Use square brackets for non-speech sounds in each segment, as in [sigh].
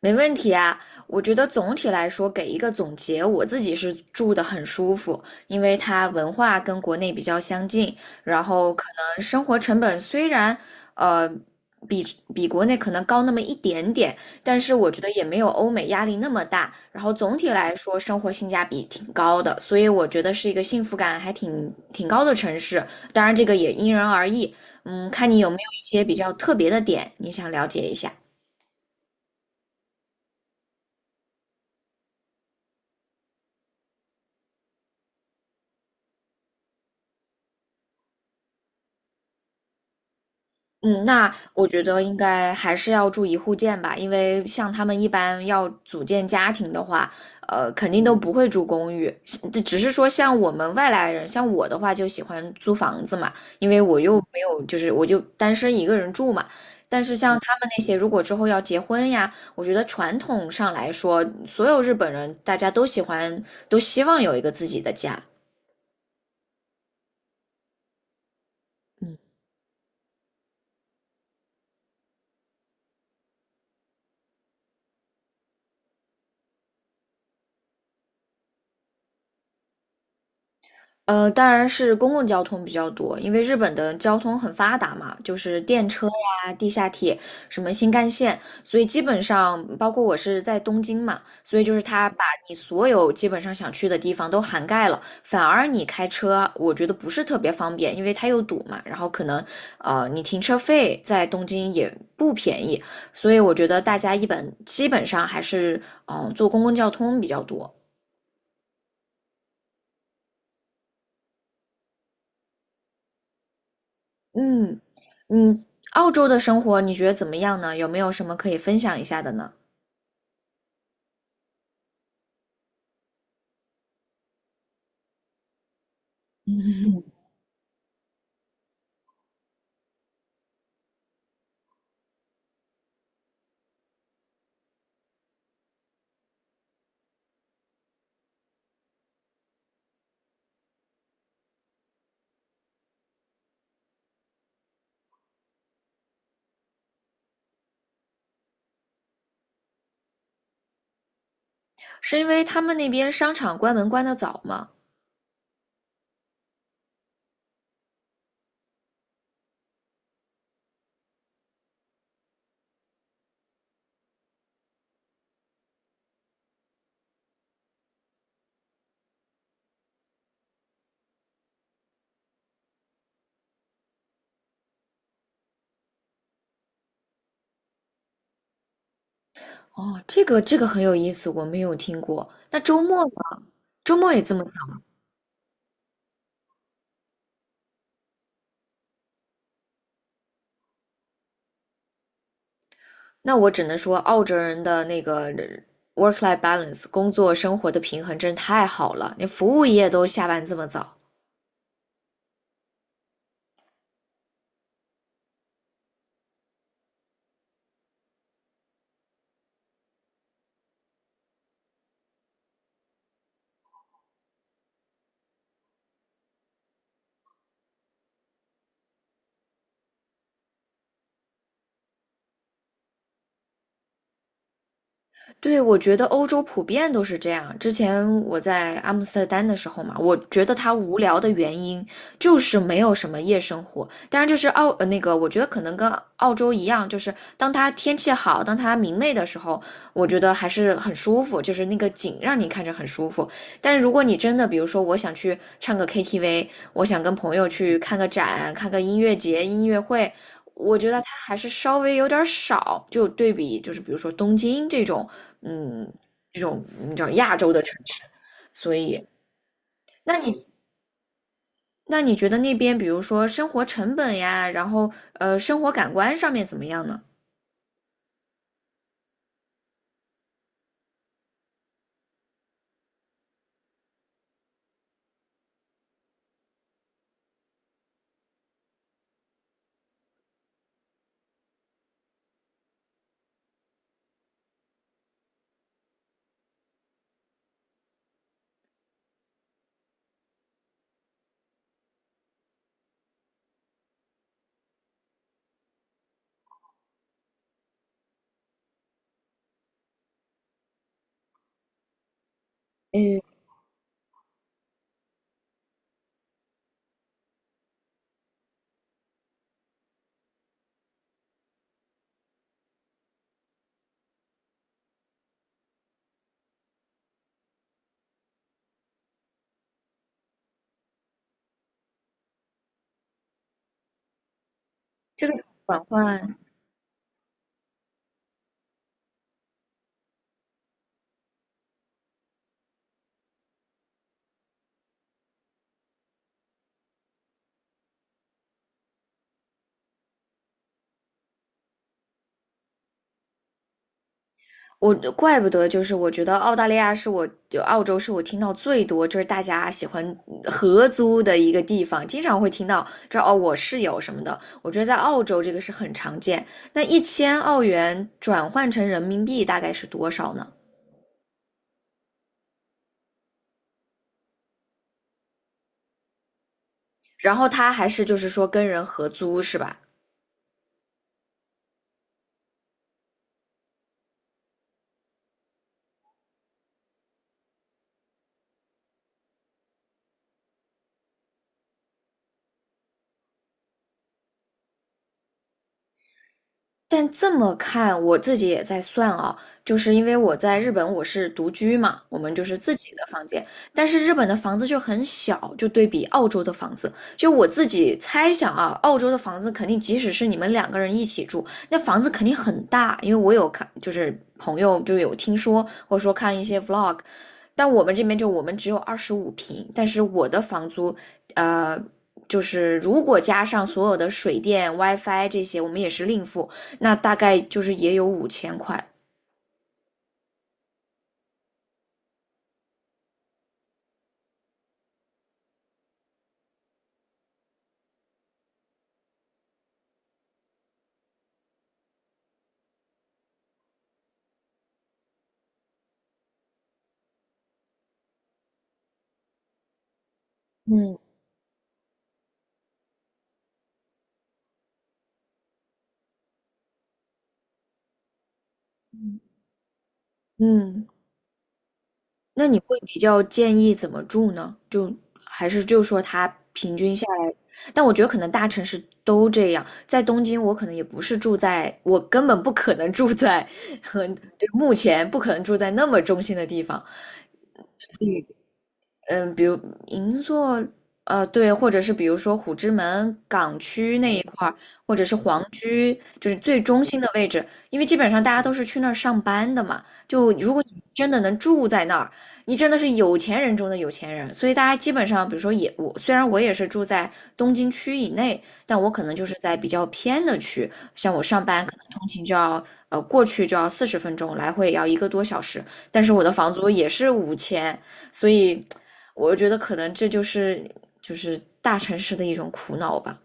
没问题啊，我觉得总体来说给一个总结，我自己是住的很舒服，因为它文化跟国内比较相近，然后可能生活成本虽然呃比比国内可能高那么一点点，但是我觉得也没有欧美压力那么大，然后总体来说生活性价比挺高的，所以我觉得是一个幸福感还挺高的城市。当然这个也因人而异。嗯，看你有没有一些比较特别的点，你想了解一下。嗯，那我觉得应该还是要住一户建吧，因为像他们一般要组建家庭的话，肯定都不会住公寓。这只是说像我们外来人，像我的话就喜欢租房子嘛，因为我又没有，就是我就单身一个人住嘛。但是像他们那些，如果之后要结婚呀，我觉得传统上来说，所有日本人大家都喜欢，都希望有一个自己的家。嗯当然是公共交通比较多，因为日本的交通很发达嘛，就是电车呀、地下铁、什么新干线，所以基本上包括我是在东京嘛，所以就是它把你所有基本上想去的地方都涵盖了。反而你开车，我觉得不是特别方便，因为它又堵嘛，然后可能你停车费在东京也不便宜，所以我觉得大家基本上还是坐公共交通比较多。嗯嗯，澳洲的生活你觉得怎么样呢？有没有什么可以分享一下的呢？是因为他们那边商场关门关得早吗？哦，这个很有意思，我没有听过。那周末呢？周末也这么早？那我只能说，澳洲人的那个 work-life balance 工作生活的平衡真是太好了，连服务业都下班这么早。对，我觉得欧洲普遍都是这样。之前我在阿姆斯特丹的时候嘛，我觉得它无聊的原因就是没有什么夜生活。当然，就是澳，呃，那个，我觉得可能跟澳洲一样，就是当它天气好、当它明媚的时候，我觉得还是很舒服，就是那个景让你看着很舒服。但如果你真的，比如说我想去唱个 KTV，我想跟朋友去看个展、看个音乐节、音乐会，我觉得它还是稍微有点儿少，就对比就是比如说东京这种嗯，这种你知道亚洲的城市，所以那你那你觉得那边比如说生活成本呀，然后生活感官上面怎么样呢？嗯，这个转换，我怪不得就是我觉得澳洲是我听到最多就是大家喜欢合租的一个地方，经常会听到这哦我室友什么的，我觉得在澳洲这个是很常见。那1000澳元转换成人民币大概是多少呢？然后他还是就是说跟人合租是吧？但这么看，我自己也在算啊，就是因为我在日本我是独居嘛，我们就是自己的房间，但是日本的房子就很小，就对比澳洲的房子，就我自己猜想啊，澳洲的房子肯定即使是你们两个人一起住，那房子肯定很大，因为我有看，就是朋友就有听说，或者说看一些 vlog。但我们这边就我们只有25平，但是我的房租，呃。就是如果加上所有的水电、WiFi 这些，我们也是另付，那大概就是也有5000块。嗯嗯，那你会比较建议怎么住呢？就还是就说它平均下来，但我觉得可能大城市都这样。在东京，我可能也不是住在，我根本不可能住在 [laughs] 对目前不可能住在那么中心的地方。嗯，比如银座，对，或者是比如说虎之门港区那一块儿，或者是皇居，就是最中心的位置，因为基本上大家都是去那儿上班的嘛。就如果你真的能住在那儿，你真的是有钱人中的有钱人。所以大家基本上，比如说也我，虽然我也是住在东京区以内，但我可能就是在比较偏的区，像我上班可能通勤就要过去就要40分钟，来回也要一个多小时，但是我的房租也是五千，所以。我觉得可能这就是大城市的一种苦恼吧。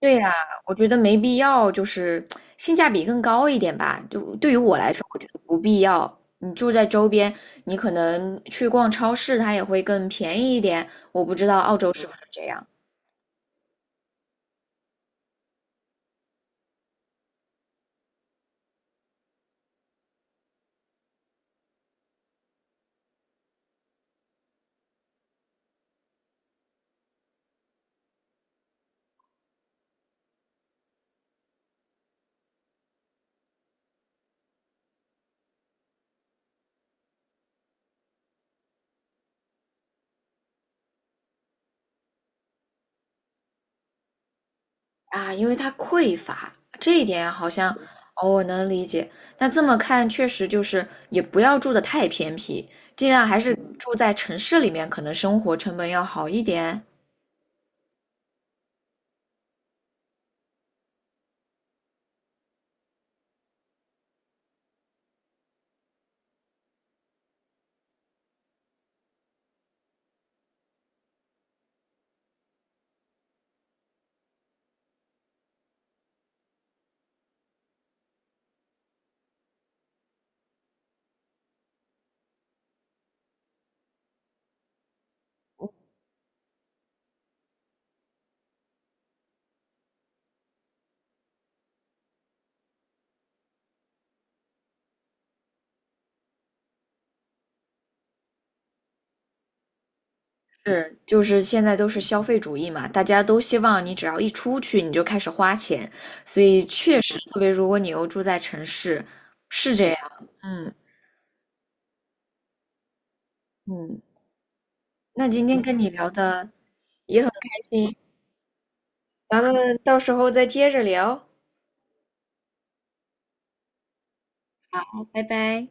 对呀，我觉得没必要，就是性价比更高一点吧。就对于我来说，我觉得不必要。你住在周边，你可能去逛超市，它也会更便宜一点。我不知道澳洲是不是这样啊，因为它匮乏，这一点好像哦，我能理解。那这么看，确实就是也不要住的太偏僻，尽量还是住在城市里面，可能生活成本要好一点。是，就是现在都是消费主义嘛，大家都希望你只要一出去你就开始花钱，所以确实，特别如果你又住在城市，是这样。嗯嗯，那今天跟你聊的。嗯，咱们到时候再接着聊。拜拜。